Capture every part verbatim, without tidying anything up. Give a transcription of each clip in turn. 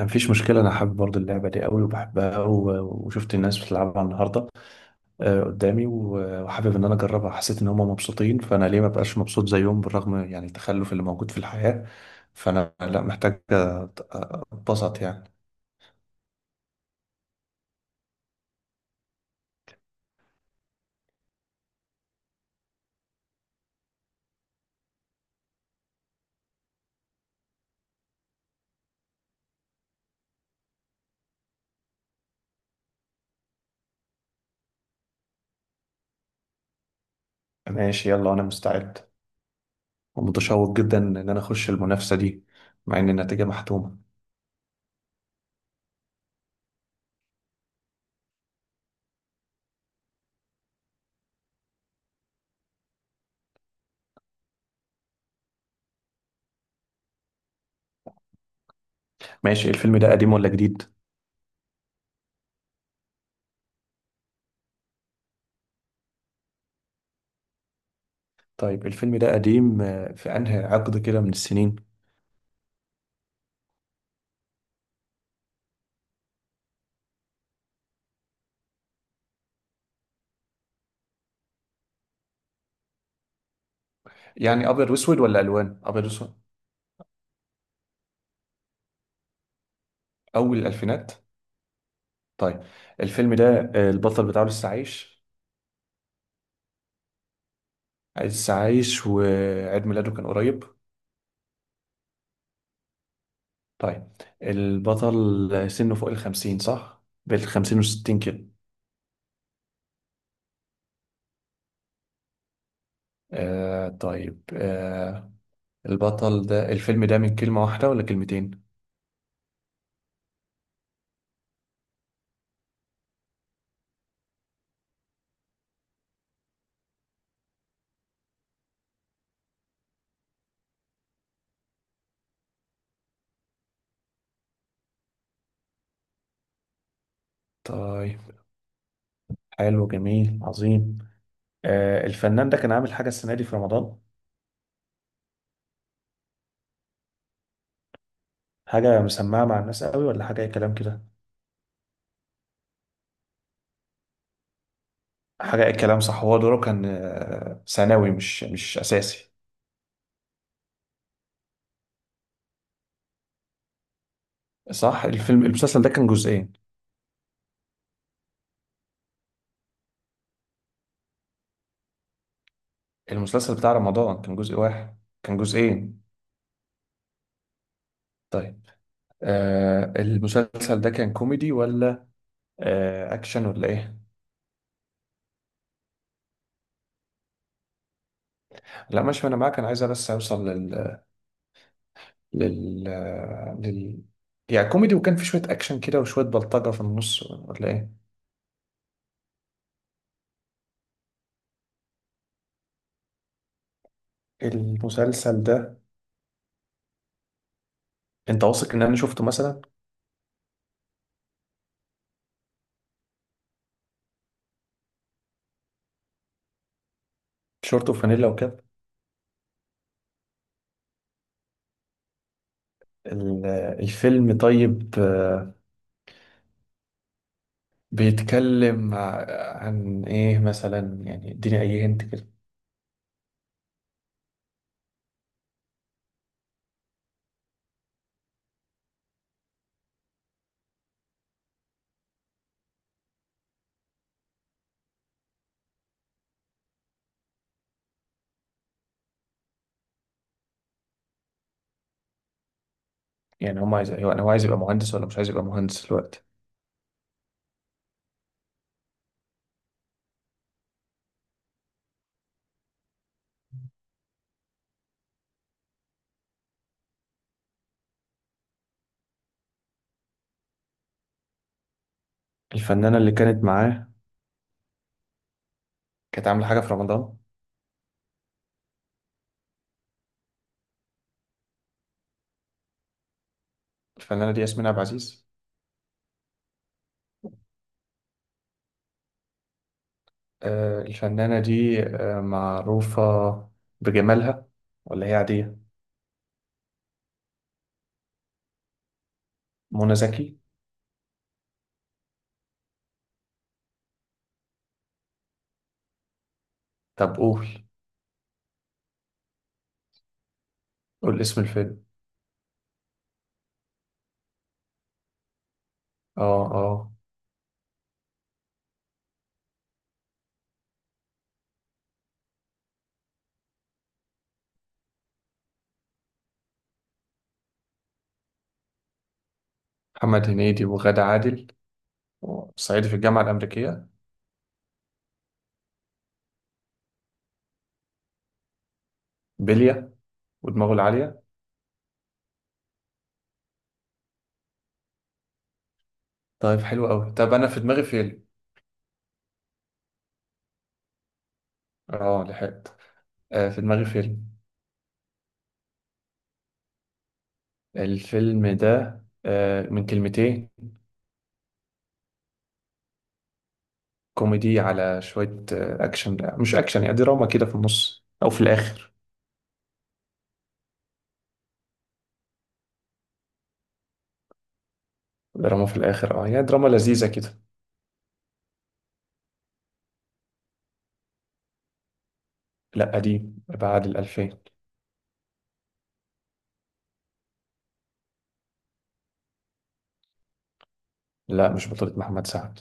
مفيش مشكلة، أنا حابب برضه اللعبة دي قوي وبحبها و- وشفت الناس بتلعبها النهاردة آه، قدامي و- وحابب إن أنا أجربها. حسيت إن هما مبسوطين فأنا ليه مبقاش مبسوط زيهم، بالرغم يعني التخلف اللي موجود في الحياة. فأنا لا محتاج أت- أتبسط يعني. ماشي يلا، أنا مستعد ومتشوق جدا إن أنا أخش المنافسة دي، مع إن النتيجة محتومة. ماشي، الفيلم ده قديم ولا جديد؟ طيب الفيلم ده قديم، آه، في أنهي عقد كده من السنين؟ يعني أبيض وأسود ولا ألوان؟ أبيض وأسود. أول الألفينات. طيب الفيلم ده آه، البطل بتاعه لسه عايش؟ لسه عايش وعيد ميلاده كان قريب؟ طيب، البطل سنه فوق الخمسين صح؟ بين الخمسين وستين كده. آه طيب، آه البطل ده، الفيلم ده من كلمة واحدة ولا كلمتين؟ طيب، حلو جميل عظيم. آه الفنان ده كان عامل حاجة السنة دي في رمضان؟ حاجة مسمعة مع الناس قوي ولا حاجة أي كلام كده؟ حاجة أي كلام، صح. هو دوره كان آه، ثانوي، مش مش أساسي؟ صح، الفيلم، المسلسل ده كان جزئين؟ المسلسل بتاع رمضان كان جزء واحد كان جزئين؟ طيب آه، المسلسل ده كان كوميدي ولا آه اكشن ولا ايه؟ لا ماشي انا معاك، انا عايز بس اوصل لل، لل، لل، يعني كوميدي وكان في شوية اكشن كده وشوية بلطجة في النص ولا ايه؟ المسلسل ده، انت واثق ان انا شفته مثلا؟ شورت وفانيلا وكاب. ال- الفيلم طيب آه، بيتكلم ع- عن ايه مثلا، يعني اديني اي هنت. يعني هو عايز، أيوة، هو عايز يبقى مهندس ولا مش عايز يبقى مهندس دلوقتي؟ الفنانة اللي كانت معاه كانت عاملة حاجة في رمضان؟ الفنانة دي ياسمين عبد العزيز؟ آه، الفنانة دي آه، معروفة بجمالها ولا هي عادية؟ منى زكي؟ طب قول، قول اسم الفيلم. اه، اه. محمد هنيدي وغادة عادل، وصعيدي في الجامعة الأمريكية، بلية، ودماغه العالية. طيب حلو أوي، طب أنا في دماغي فيلم. اه لحقت. آه، في دماغي فيلم. الفيلم ده آه، من كلمتين. كوميدي على شوية آه، أكشن. لا، مش أكشن، يعني دراما كده في النص أو في الآخر. دراما في الآخر أه، يعني دراما لذيذة كده. لا قديم، بعد الألفين. لا مش بطولة محمد سعد.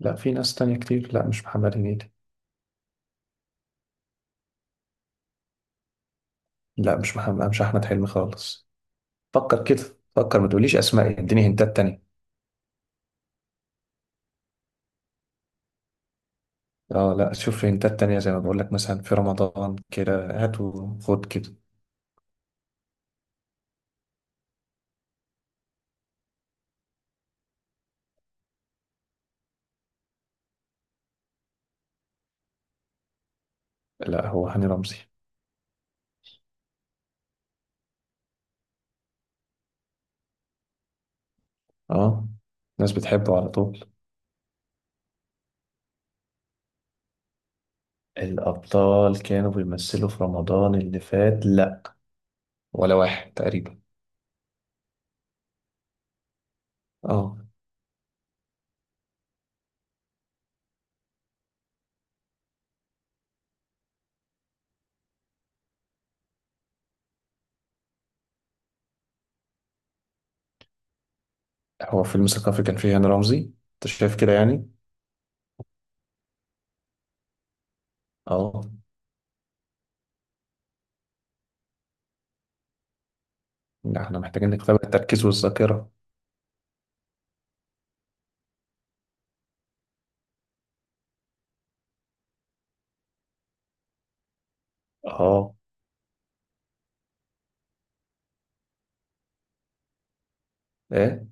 لا في ناس تانية كتير، لا مش محمد هنيدي. لا مش محمد مش أحمد حلمي خالص. فكر كده، فكر، ما تقوليش أسماء، اديني هنتات تانية. اه لا شوف، هنتات تانية زي ما بقول لك، مثلا في رمضان كده، هات وخد كده. لا هو هاني رمزي. اه، الناس بتحبه على طول. الأبطال كانوا بيمثلوا في رمضان اللي فات، ولا واحد تقريبا. اه. هو فيلم ثقافي كان فيه هاني رمزي، انت شايف كده يعني؟ اه. لا، احنا محتاجين نختبر التركيز والذاكرة. اه. ايه؟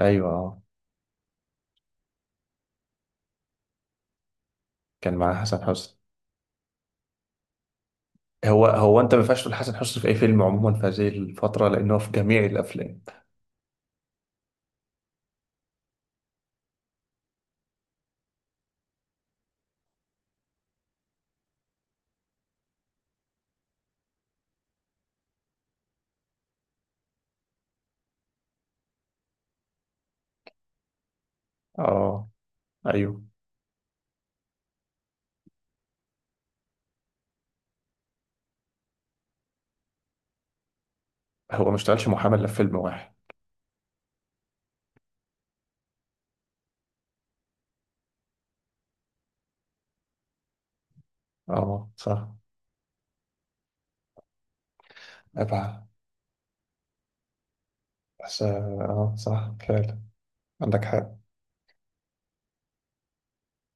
ايوه. اه، كان معاه حسن حسني. هو هو انت ما ينفعش تقول حسن حسني في اي فيلم عموما في هذه الفترة، لانه في جميع الافلام. اه. ايوه. هو ما اشتغلش محامي الا في فيلم واحد. اه صح. ابعد. بس اه، آه. صح فعلا، عندك حق.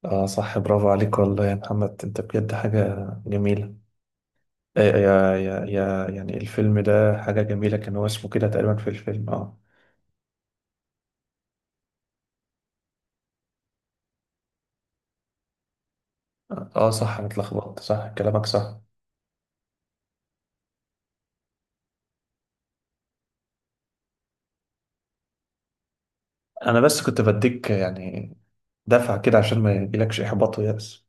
اه صح، برافو عليك، والله يا محمد انت بجد حاجة جميلة. آه، يا يا يا يعني الفيلم ده حاجة جميلة، كان هو اسمه كده تقريبا في الفيلم، اه. اه صح، انا اتلخبطت، صح كلامك صح. انا بس كنت بديك يعني دفعة كده عشان ما يجيلكش احباط ويأس.